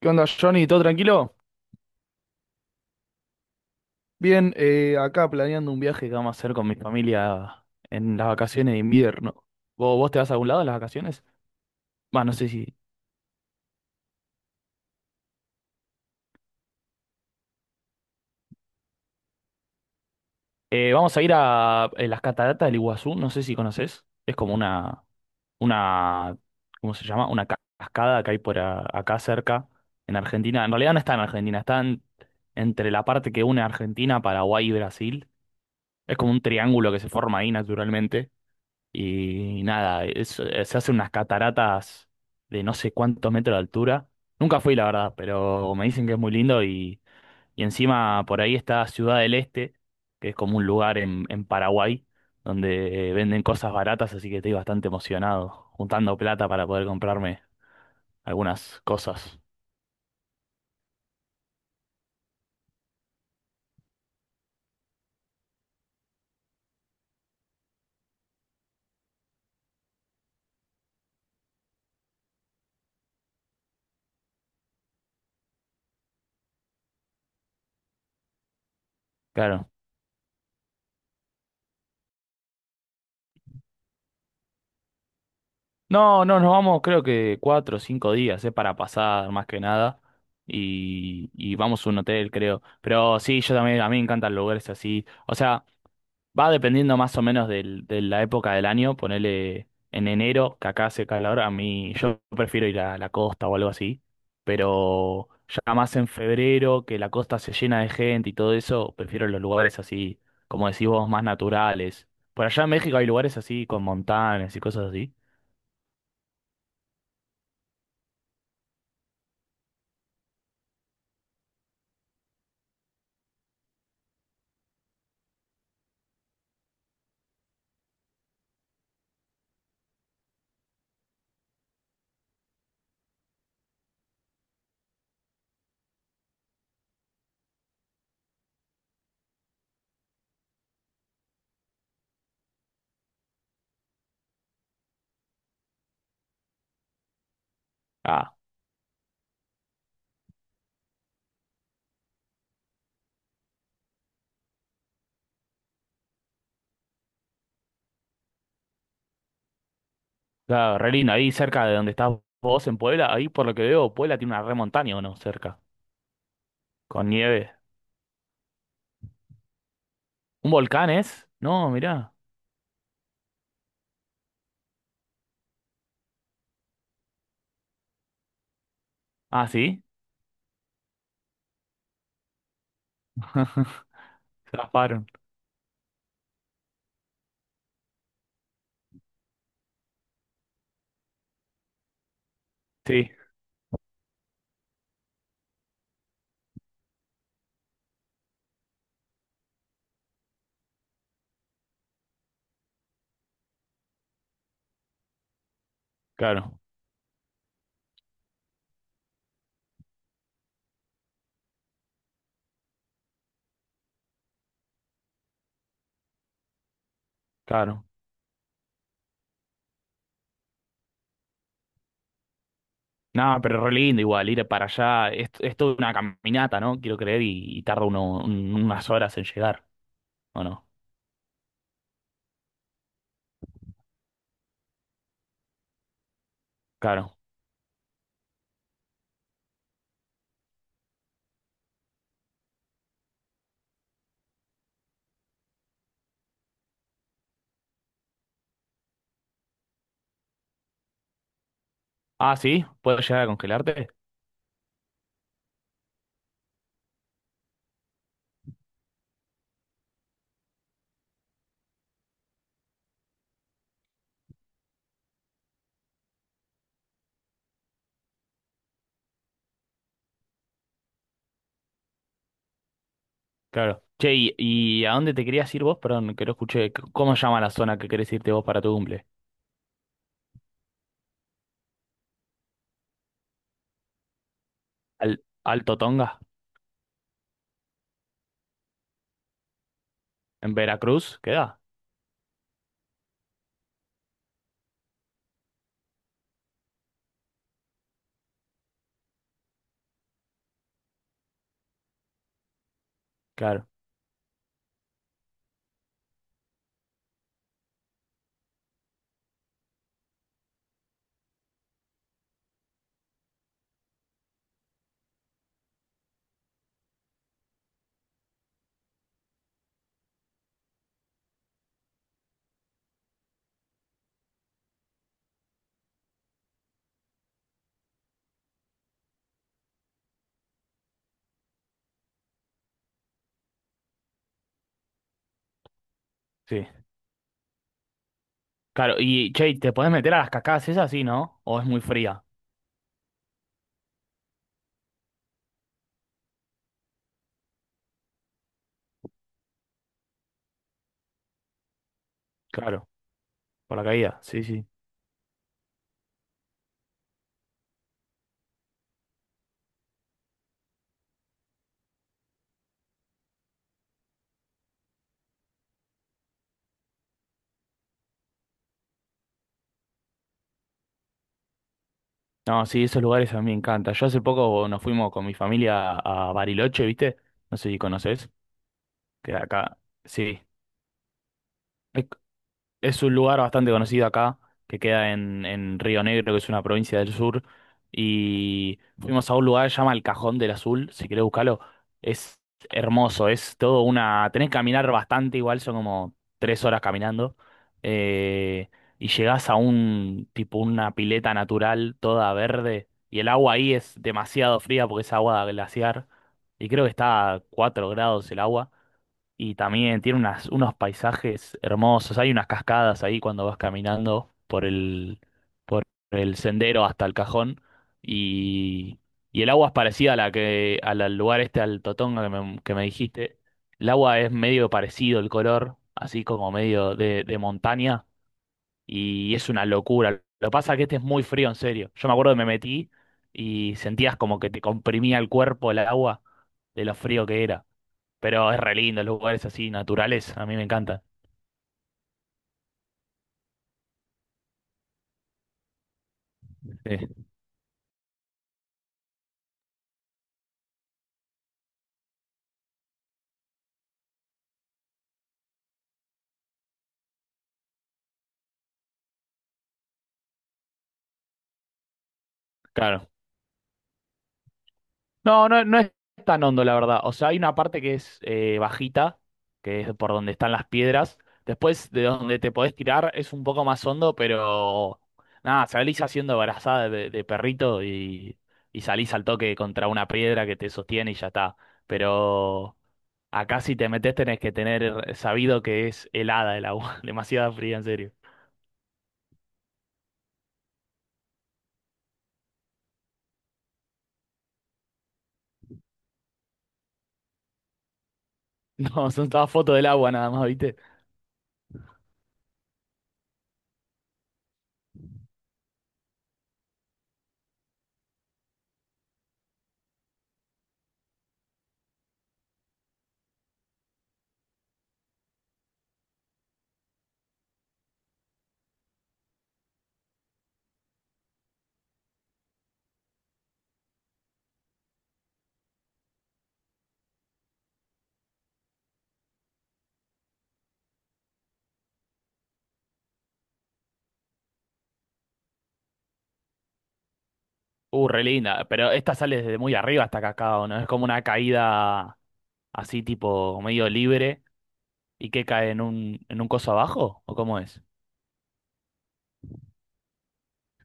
¿Qué onda, Johnny? ¿Todo tranquilo? Bien, acá planeando un viaje que vamos a hacer con mi familia en las vacaciones de invierno. ¿Vos te vas a algún lado en las vacaciones? Va, no sé si. Vamos a ir a las cataratas del Iguazú, no sé si conoces. Es como una, ¿cómo se llama? Una cascada que hay por acá cerca, en Argentina. En realidad no está en Argentina, entre la parte que une Argentina, Paraguay y Brasil. Es como un triángulo que se forma ahí naturalmente. Y nada, se hacen unas cataratas de no sé cuántos metros de altura. Nunca fui, la verdad, pero me dicen que es muy lindo y encima por ahí está Ciudad del Este, que es como un lugar en Paraguay donde venden cosas baratas, así que estoy bastante emocionado, juntando plata para poder comprarme algunas cosas. Claro. No, no, nos vamos creo que cuatro o cinco días, para pasar más que nada. Y vamos a un hotel, creo. Pero sí, yo también, a mí me encantan lugares así. O sea, va dependiendo más o menos de la época del año. Ponele en enero, que acá hace calor, a mí yo prefiero ir a la costa o algo así. Pero ya más en febrero, que la costa se llena de gente y todo eso, prefiero los lugares así, como decís vos, más naturales. Por allá en México hay lugares así, con montañas y cosas así. Ah, claro, re lindo. Ahí cerca de donde estás vos en Puebla, ahí por lo que veo, Puebla tiene una re montaña o no, cerca, con nieve. ¿Un volcán es? No, mirá. Ah, sí. Se zafaron. Sí, claro, claro. No, pero re lindo igual, ir para allá. Es toda una caminata, ¿no? Quiero creer, y tarda uno, unas horas en llegar, ¿o no? Claro. Ah, sí, ¿puedo llegar a congelarte? Claro. Che, ¿y a dónde te querías ir vos? Perdón, que no escuché. ¿Cómo se llama la zona que querés irte vos para tu cumple? Alto Tonga? En Veracruz queda. Claro, sí. Claro, y che, ¿te puedes meter a las cascadas esas? Sí, ¿no? ¿O es muy fría? Claro, por la caída. Sí, sí. No, sí, esos lugares a mí me encantan. Yo hace poco nos fuimos con mi familia a Bariloche, ¿viste? No sé si conoces. Que acá. Sí. Es, Es un lugar bastante conocido acá, que queda en Río Negro, que es una provincia del sur. Y fuimos a un lugar que se llama El Cajón del Azul, si querés buscarlo. Es hermoso, es todo una... Tenés que caminar bastante, igual son como tres horas caminando. eh, y llegás a un tipo, una pileta natural, toda verde. Y el agua ahí es demasiado fría porque es agua glaciar. Y creo que está a 4 grados el agua. Y también tiene unos paisajes hermosos. Hay unas cascadas ahí cuando vas caminando por el sendero hasta el cajón. Y, y el agua es parecida a la que, al lugar este, al Totonga que me dijiste. El agua es medio parecido el color, así como medio de montaña. Y es una locura. Lo que pasa es que este es muy frío, en serio. Yo me acuerdo que me metí y sentías como que te comprimía el cuerpo el agua de lo frío que era. Pero es re lindo, los lugares así naturales, a mí me encantan. Sí, claro. No, no, no es tan hondo, la verdad. O sea, hay una parte que es bajita, que es por donde están las piedras. Después de donde te podés tirar es un poco más hondo, pero nada, salís haciendo brazada de perrito y salís al toque contra una piedra que te sostiene y ya está. Pero acá si te metés tenés que tener sabido que es helada el agua, demasiada fría, en serio. No, son todas fotos del agua nada más, ¿viste? Re linda, pero esta sale desde muy arriba hasta Cacao, ¿no? Es como una caída así tipo medio libre y que cae en un coso abajo, ¿o cómo es?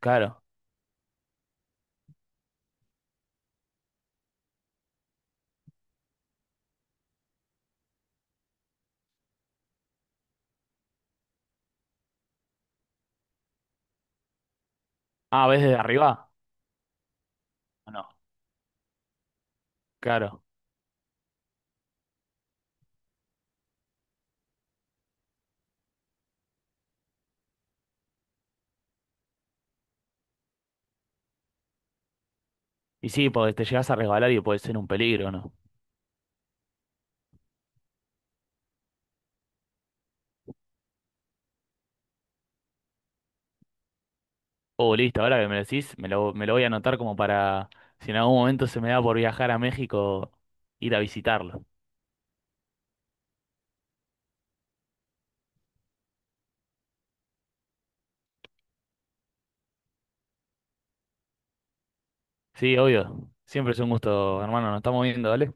Claro. Ah, ¿ves desde arriba? ¿O no? Claro. Y sí, porque te llegas a resbalar y puede ser un peligro, ¿no? Oh, listo, ahora que me lo decís, me lo voy a anotar como para, si en algún momento se me da por viajar a México, ir a visitarlo. Sí, obvio. Siempre es un gusto, hermano, nos estamos viendo, ¿vale?